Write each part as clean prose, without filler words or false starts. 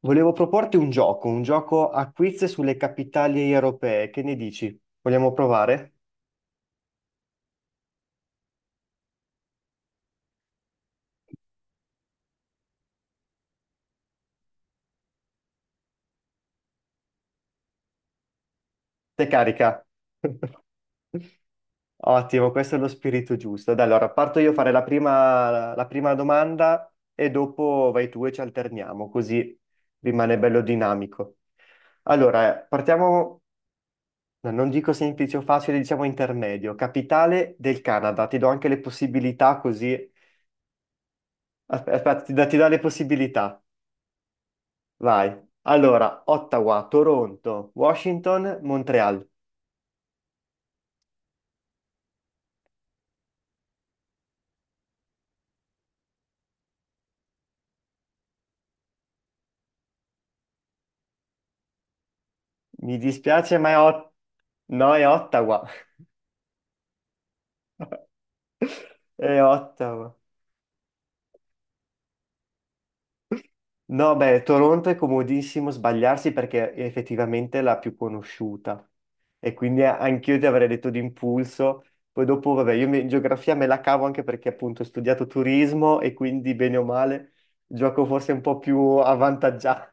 Volevo proporti un gioco a quiz sulle capitali europee. Che ne dici? Vogliamo provare? Te carica. Ottimo, questo è lo spirito giusto. Dai, allora parto io a fare la prima domanda e dopo vai tu e ci alterniamo, così rimane bello dinamico. Allora, partiamo, no, non dico semplice o facile, diciamo intermedio. Capitale del Canada, ti do anche le possibilità così. Aspetta, ti do le possibilità. Vai. Allora, Ottawa, Toronto, Washington, Montreal. Mi dispiace, ma è no, è Ottawa. È Ottawa. No, beh, Toronto è comodissimo sbagliarsi perché è effettivamente la più conosciuta. E quindi anch'io ti avrei detto d'impulso. Poi dopo, vabbè, in geografia me la cavo anche perché appunto ho studiato turismo e quindi bene o male gioco forse un po' più avvantaggiato.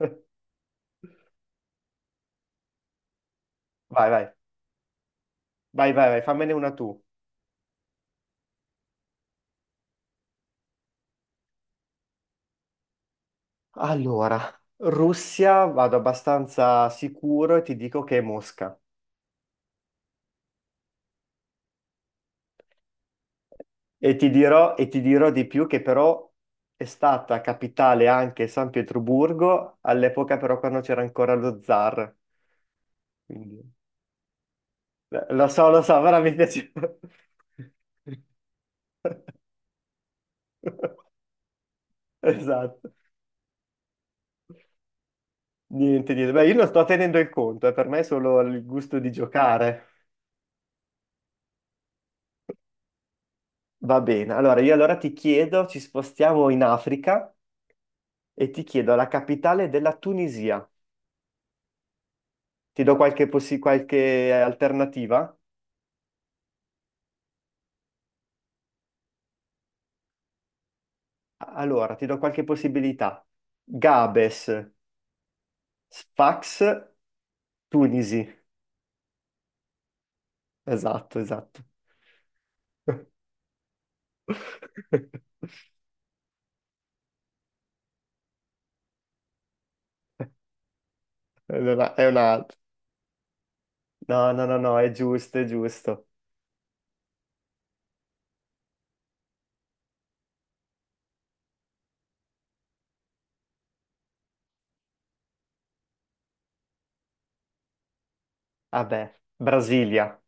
Vai, vai, vai, fammene una tu. Allora, Russia vado abbastanza sicuro e ti dico che è Mosca. E ti dirò di più che però è stata capitale anche San Pietroburgo, all'epoca però quando c'era ancora lo zar. Quindi, lo so, però mi piace. Esatto. Niente, niente. Beh, io non sto tenendo il conto, per me è solo il gusto di giocare. Va bene, allora io ti chiedo, ci spostiamo in Africa e ti chiedo la capitale della Tunisia. Ti do qualche alternativa? Allora, ti do qualche possibilità. Gabes, Sfax, Tunisi. Esatto, esatto. Allora, no, no, no, no, è giusto, è giusto. Vabbè, Brasilia.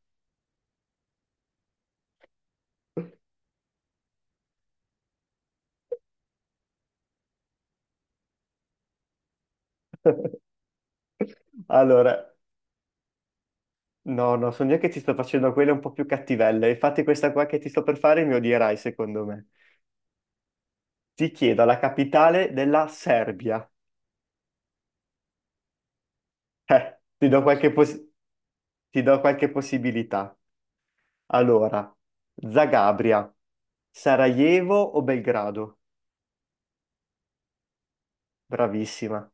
Allora, no, so io che ti sto facendo quelle un po' più cattivelle. Infatti questa qua che ti sto per fare mi odierai, secondo me. Ti chiedo la capitale della Serbia. Eh, ti do qualche possibilità. Ti do qualche possibilità. Allora, Zagabria, Sarajevo o Belgrado? Bravissima.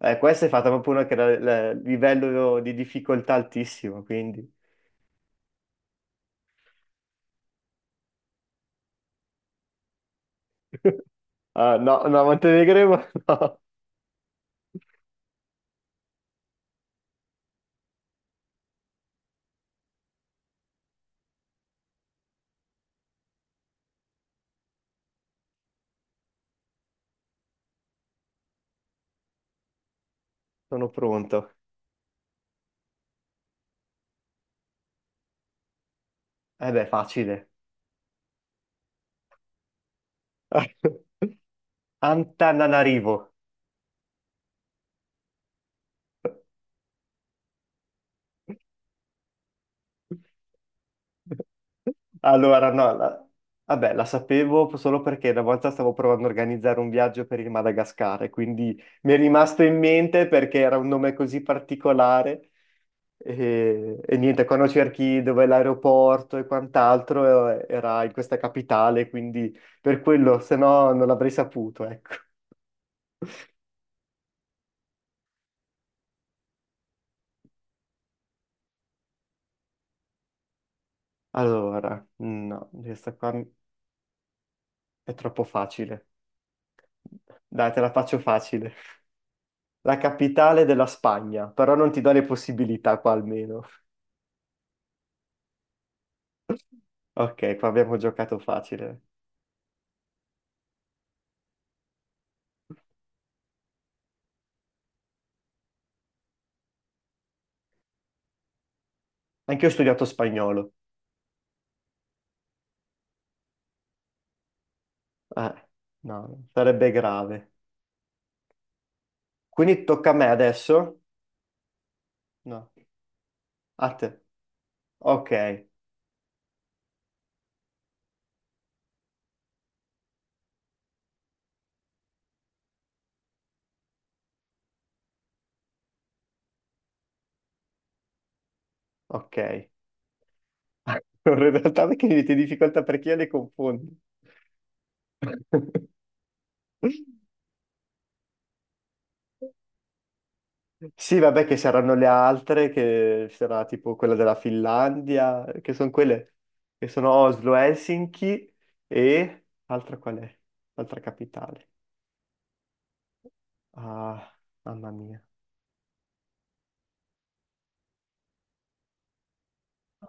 Questa è fatta proprio una che ha il livello di difficoltà altissimo, quindi... Ah, no, no, Montenegro, no. Sono pronto. Eh beh, facile. Antananarivo. Allora, no, la- vabbè, la sapevo solo perché una volta stavo provando a organizzare un viaggio per il Madagascar, e quindi mi è rimasto in mente perché era un nome così particolare. E niente, quando cerchi dove è l'aeroporto e quant'altro, era in questa capitale, quindi per quello, se no non l'avrei saputo, ecco. Allora, no, questa qua è troppo facile. Dai, te la faccio facile. La capitale della Spagna, però non ti do le possibilità qua almeno. Ok, qua abbiamo giocato facile. Anche io ho studiato spagnolo. Eh, no, sarebbe grave. Quindi tocca a me adesso? No, a te. Ok, ok. Allora, in realtà perché mi metti in difficoltà perché io le confondo. Sì, vabbè, che saranno le altre, che sarà tipo quella della Finlandia, che sono quelle che sono Oslo, Helsinki e altra qual è? Altra capitale. Ah, mamma mia.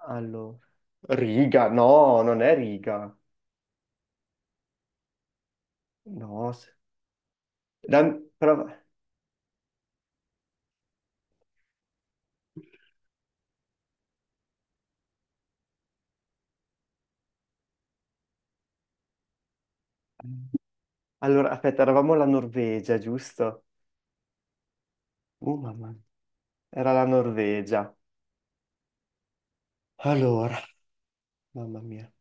Allora, Riga, no, non è Riga. No, s- la- però- allora, aspetta, eravamo la Norvegia, giusto? Mamma mia. Era la Norvegia. Allora, mamma mia.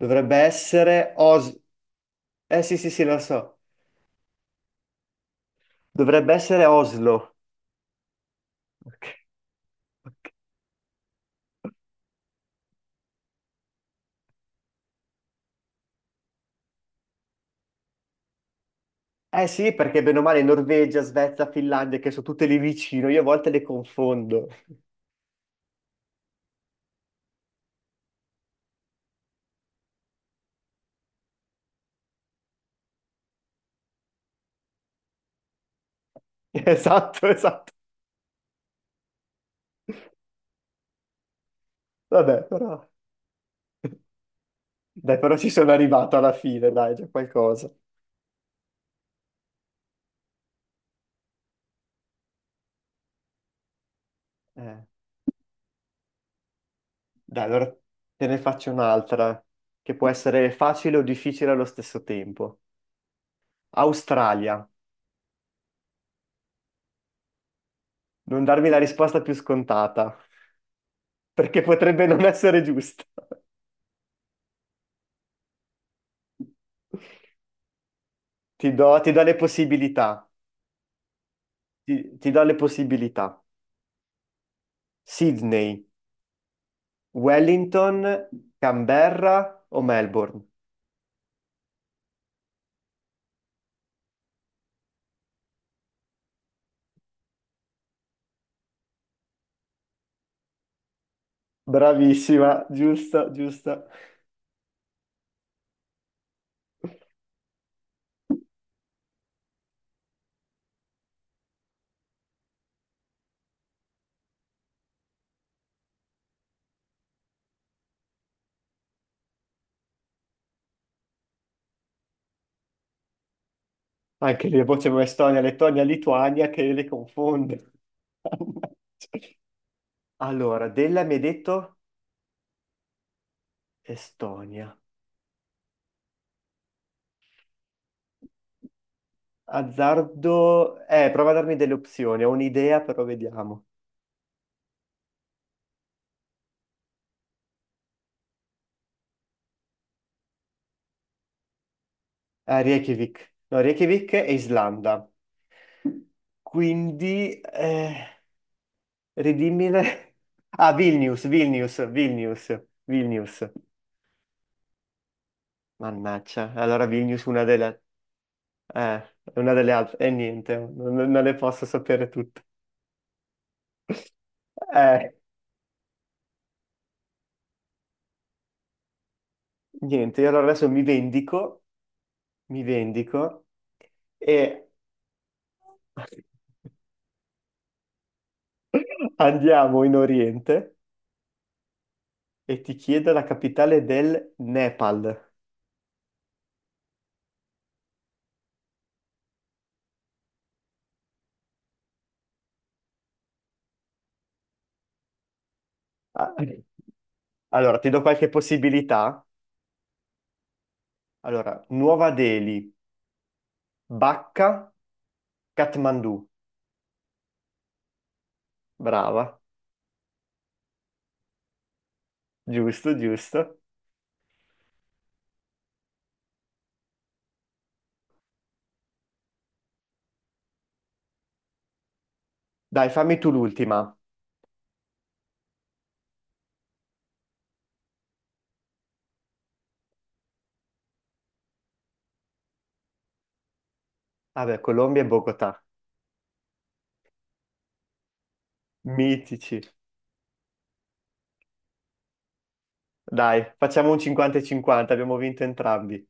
Dovrebbe essere Oslo. Eh sì, lo so. Dovrebbe essere Oslo. Ok, ok. Eh sì, perché bene o male Norvegia, Svezia, Finlandia, che sono tutte lì vicino, io a volte le confondo. Esatto, esatto. Vabbè, però... Dai, però ci sono arrivato alla fine, dai, già qualcosa. Eh, Dai, allora te ne faccio un'altra, che può essere facile o difficile allo stesso tempo. Australia. Non darmi la risposta più scontata, perché potrebbe non essere giusta. Ti do le possibilità. Ti do le possibilità. Sydney, Wellington, Canberra o Melbourne? Bravissima, giusta, giusta. Anche lì, poi c'è Estonia, Lettonia, Lituania che le confonde. Allora, della mi hai detto Estonia. Azzardo... prova a darmi delle opzioni, ho un'idea, però vediamo. Reykjavik. No, Reykjavik e Islanda. Quindi... Ridimmile. Ah, Vilnius. Mannaggia, allora Vilnius una delle altre, e niente, non le posso sapere tutte. Eh, niente, io allora adesso mi vendico e andiamo in Oriente e ti chiedo la capitale del Nepal. Ah, allora, ti do qualche possibilità. Allora, Nuova Delhi, Bacca, Kathmandu. Brava. Giusto, giusto. Dai, fammi tu l'ultima. Vabbè, Colombia e Bogotà. Mitici. Dai, facciamo un 50 e 50, abbiamo vinto entrambi.